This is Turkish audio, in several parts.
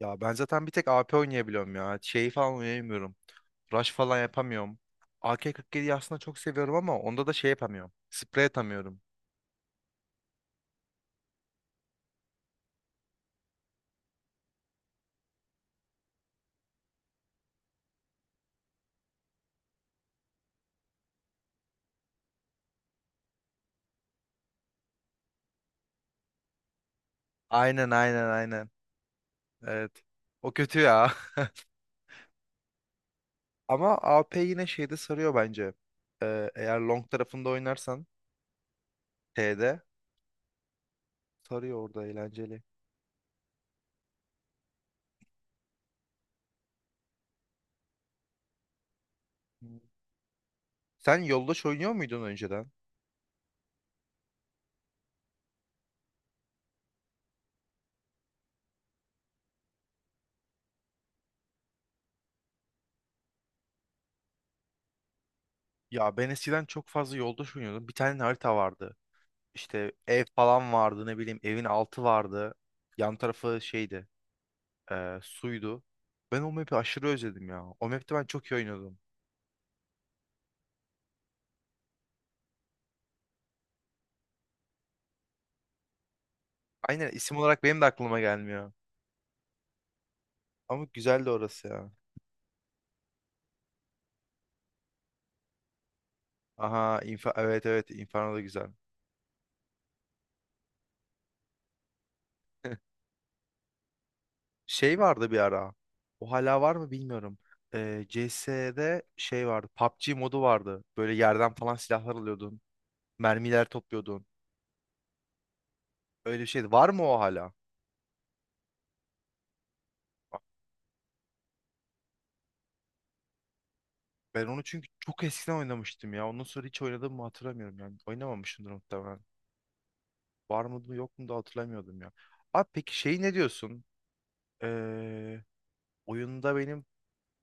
Ya ben zaten bir tek AP oynayabiliyorum ya. Şeyi falan oynayamıyorum. Rush falan yapamıyorum. AK-47'yi aslında çok seviyorum ama onda da şey yapamıyorum. Sprey atamıyorum. Aynen, aynen, aynen. Evet. O kötü ya. Ama AP yine şeyde sarıyor bence. Eğer long tarafında oynarsan T'de sarıyor orada eğlenceli. Hmm. Sen yoldaş oynuyor muydun önceden? Ya ben eskiden çok fazla yoldaş oynuyordum. Bir tane harita vardı. İşte ev falan vardı, ne bileyim, evin altı vardı. Yan tarafı şeydi, suydu. Ben o map'i aşırı özledim ya. O map'te ben çok iyi oynuyordum. Aynen, isim olarak benim de aklıma gelmiyor. Ama güzeldi orası ya. Aha, infa, evet, evet, Inferno da güzel. Şey vardı bir ara. O hala var mı bilmiyorum. CS'de şey vardı. PUBG modu vardı. Böyle yerden falan silahlar alıyordun. Mermiler topluyordun. Öyle bir şeydi. Var mı o hala? Ben onu çünkü çok eskiden oynamıştım ya. Ondan sonra hiç oynadığımı hatırlamıyorum yani. Oynamamışımdır muhtemelen. Var mıydı yok mu da hatırlamıyordum ya. Abi peki şey ne diyorsun? Ee, oyunda benim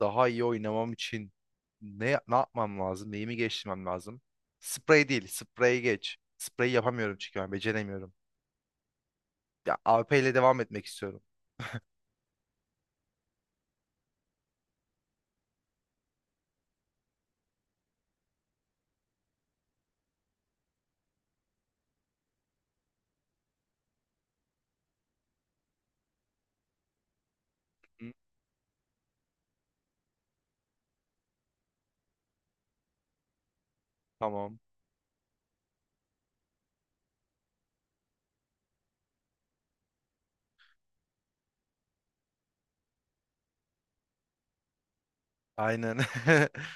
daha iyi oynamam için ne yapmam lazım? Neyimi geliştirmem lazım? Sprey değil. Sprey geç. Sprey yapamıyorum çünkü ben beceremiyorum. Ya AP ile devam etmek istiyorum. Hı, tamam. Aynen.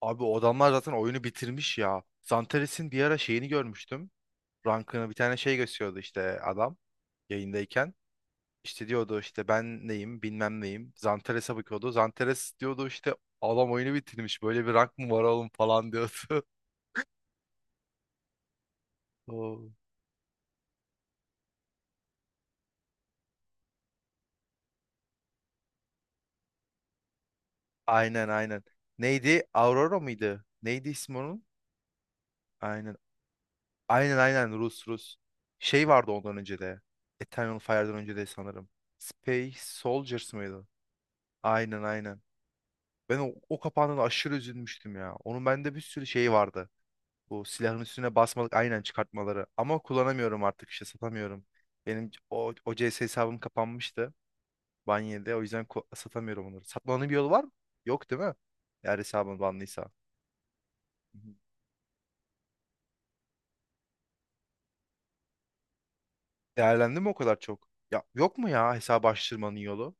Abi o adamlar zaten oyunu bitirmiş ya. Zantares'in bir ara şeyini görmüştüm. Rankını bir tane şey gösteriyordu işte adam yayındayken. İşte diyordu işte ben neyim bilmem neyim. Zanteres'e bakıyordu. Zanteres diyordu işte adam oyunu bitirmiş, böyle bir rank mı var oğlum falan diyordu. Oo. Aynen, aynen. Neydi? Aurora mıydı? Neydi ismi onun? Aynen. Aynen, aynen, Rus Rus. Şey vardı ondan önce de. Eternal Fire'dan önce de sanırım. Space Soldiers mıydı? Aynen, aynen. Ben o kapağından aşırı üzülmüştüm ya. Onun bende bir sürü şeyi vardı. Bu silahın üstüne basmalık aynen çıkartmaları. Ama kullanamıyorum artık, işte satamıyorum. Benim o CS hesabım kapanmıştı. Banye'de o yüzden satamıyorum onları. Satmanın bir yolu var mı? Yok değil mi? Eğer hesabın banlıysa. Hı hı. Değerlendi mi o kadar çok? Ya yok mu ya hesabı açtırmanın yolu?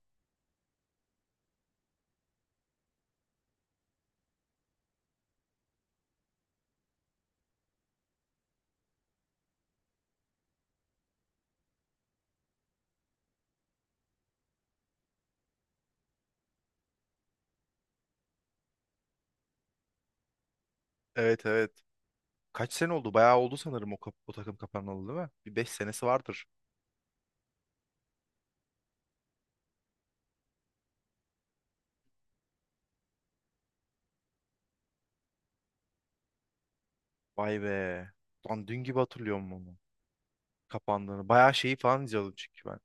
Evet, evet. Kaç sene oldu? Bayağı oldu sanırım o takım kapanalı değil mi? Bir 5 senesi vardır. Vay be. Lan dün gibi hatırlıyorum onu. Kapandığını. Bayağı şeyi falan izliyordum çünkü ben.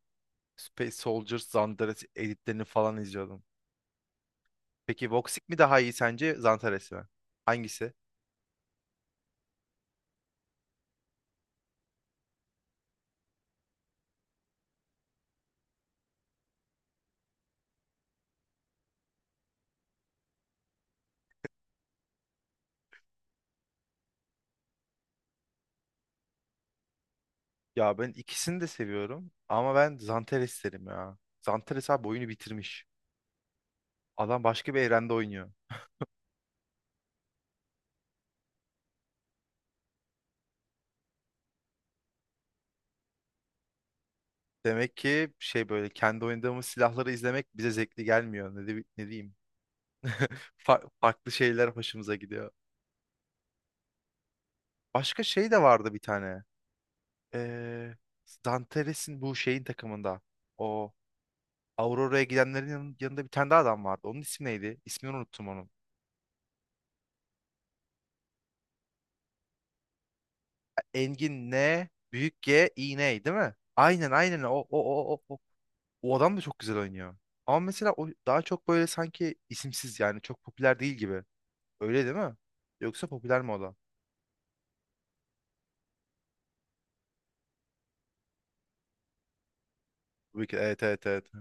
Space Soldiers, Zandares editlerini falan izliyordum. Peki Voxic mi daha iyi sence Zantares mi? Hangisi? Ya ben ikisini de seviyorum ama ben Zantares derim ya. Zantares abi oyunu bitirmiş. Adam başka bir evrende oynuyor. Demek ki şey böyle kendi oynadığımız silahları izlemek bize zevkli gelmiyor. Ne diyeyim? Farklı şeyler hoşumuza gidiyor. Başka şey de vardı bir tane. Ee, Zantares'in bu şeyin takımında. O Aurora'ya gidenlerin yanında bir tane daha adam vardı. Onun ismi neydi? İsmini unuttum onun. Engin N, büyük G, iğne değil mi? Aynen, aynen, o, o, o, o. O adam da çok güzel oynuyor. Ama mesela o daha çok böyle sanki isimsiz yani çok popüler değil gibi. Öyle değil mi? Yoksa popüler mi o da? Büyük, evet, evet, evet.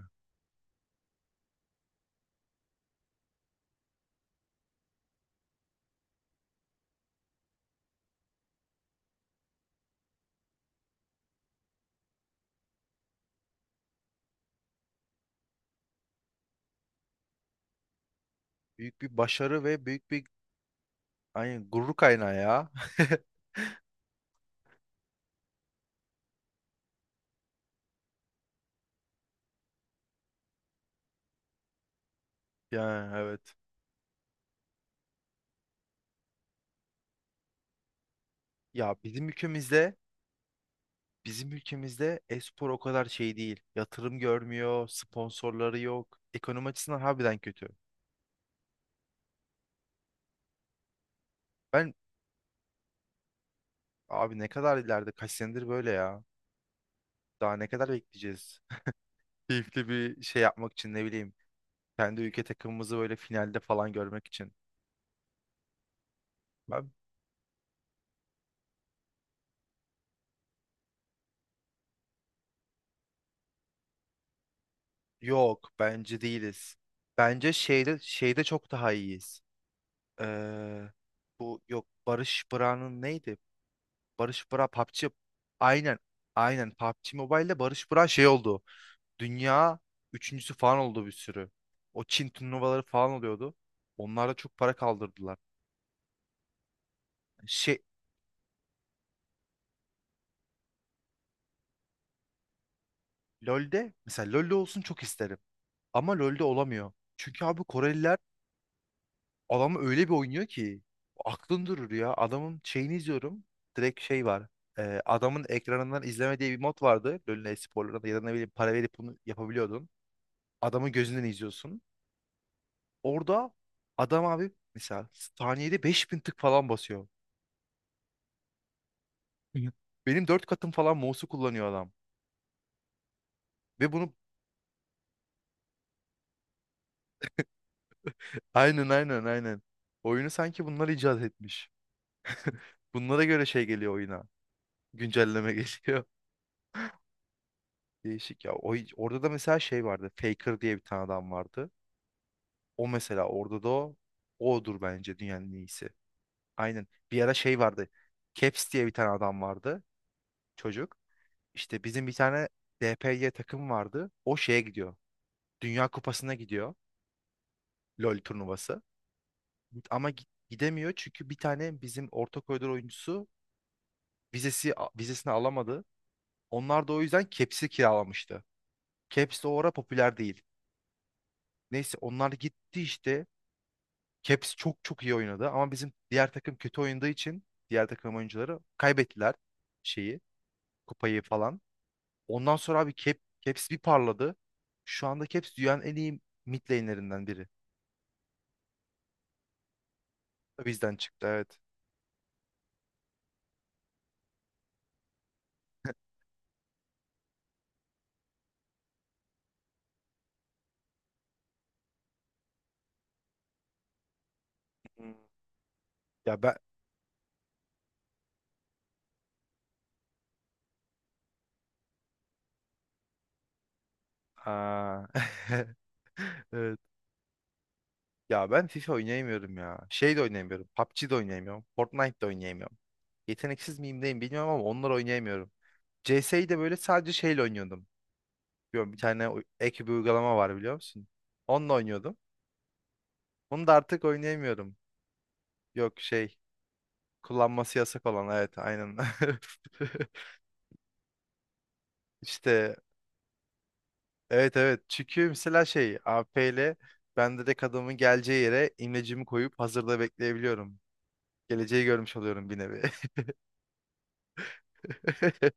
Büyük bir başarı ve büyük bir, aynen, gurur kaynağı ya. Yani evet. Ya bizim ülkemizde e-spor o kadar şey değil. Yatırım görmüyor, sponsorları yok. Ekonomi açısından harbiden kötü. Ben abi ne kadar ileride, kaç senedir böyle ya. Daha ne kadar bekleyeceğiz? Keyifli bir şey yapmak için, ne bileyim, kendi ülke takımımızı böyle finalde falan görmek için. Ben, yok, bence değiliz. Bence şeyde çok daha iyiyiz. Ee, bu yok, Barış Bıra'nın neydi? Barış Bıra PUBG. Aynen. Aynen PUBG Mobile'de Barış Bıra şey oldu. Dünya üçüncüsü falan oldu, bir sürü. O Çin turnuvaları falan oluyordu. Onlar da çok para kaldırdılar. Şey LoL'de, mesela LoL'de olsun çok isterim. Ama LoL'de olamıyor. Çünkü abi Koreliler adamı öyle bir oynuyor ki aklın durur ya. Adamın şeyini izliyorum. Direkt şey var. Adamın ekranından izleme diye bir mod vardı. LoL'ün e-sporlarında ya da ne bileyim para verip bunu yapabiliyordun. Adamın gözünden izliyorsun. Orada adam abi mesela saniyede 5.000 tık falan basıyor. Hı. Benim 4 katım falan mouse'u kullanıyor adam. Ve bunu, aynen, aynen, aynen. Oyunu sanki bunlar icat etmiş. Bunlara göre şey geliyor oyuna. Güncelleme geliyor. Değişik ya. Orada da mesela şey vardı. Faker diye bir tane adam vardı. O mesela orada da o. Odur bence dünyanın en iyisi. Aynen. Bir ara şey vardı. Caps diye bir tane adam vardı. Çocuk. İşte bizim bir tane DPY takım vardı. O şeye gidiyor. Dünya Kupası'na gidiyor. LoL turnuvası. Ama gidemiyor çünkü bir tane bizim orta koridor oyuncusu vizesini alamadı. Onlar da o yüzden Caps'i kiralamıştı. Caps de o ara popüler değil. Neyse onlar gitti işte. Caps çok çok iyi oynadı ama bizim diğer takım kötü oynadığı için diğer takım oyuncuları kaybettiler şeyi, kupayı falan. Ondan sonra abi Caps bir parladı. Şu anda Caps dünyanın en iyi mid lane'lerinden biri. Bizden çıktı, evet. Hmm. Ya ben. Aa. Evet. Ya ben FIFA oynayamıyorum ya. Şey de oynayamıyorum. PUBG de oynayamıyorum. Fortnite de oynayamıyorum. Yeteneksiz miyim, neyim bilmiyorum, ama onları oynayamıyorum. CS'yi de böyle sadece şeyle oynuyordum. Biliyorum, bir tane ek bir uygulama var, biliyor musun? Onunla oynuyordum. Bunu da artık oynayamıyorum. Yok, şey, kullanması yasak olan, evet, aynen. İşte, evet, evet, çünkü mesela şey AP ile ben direkt adamın geleceği yere imlecimi koyup hazırda bekleyebiliyorum. Geleceği görmüş oluyorum bir nevi.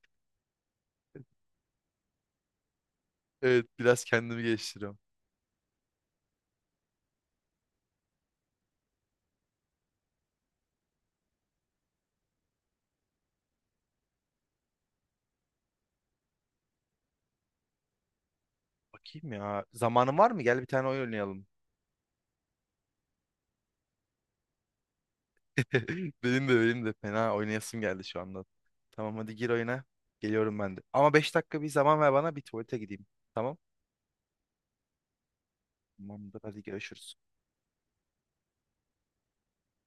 Evet, biraz kendimi geliştiriyorum. Bakayım ya, zamanım var mı? Gel bir tane oyun oynayalım. Benim de fena oynayasım geldi şu anda. Tamam, hadi gir oyuna. Geliyorum ben de. Ama 5 dakika bir zaman ver bana, bir tuvalete gideyim. Tamam. Tamamdır, hadi görüşürüz.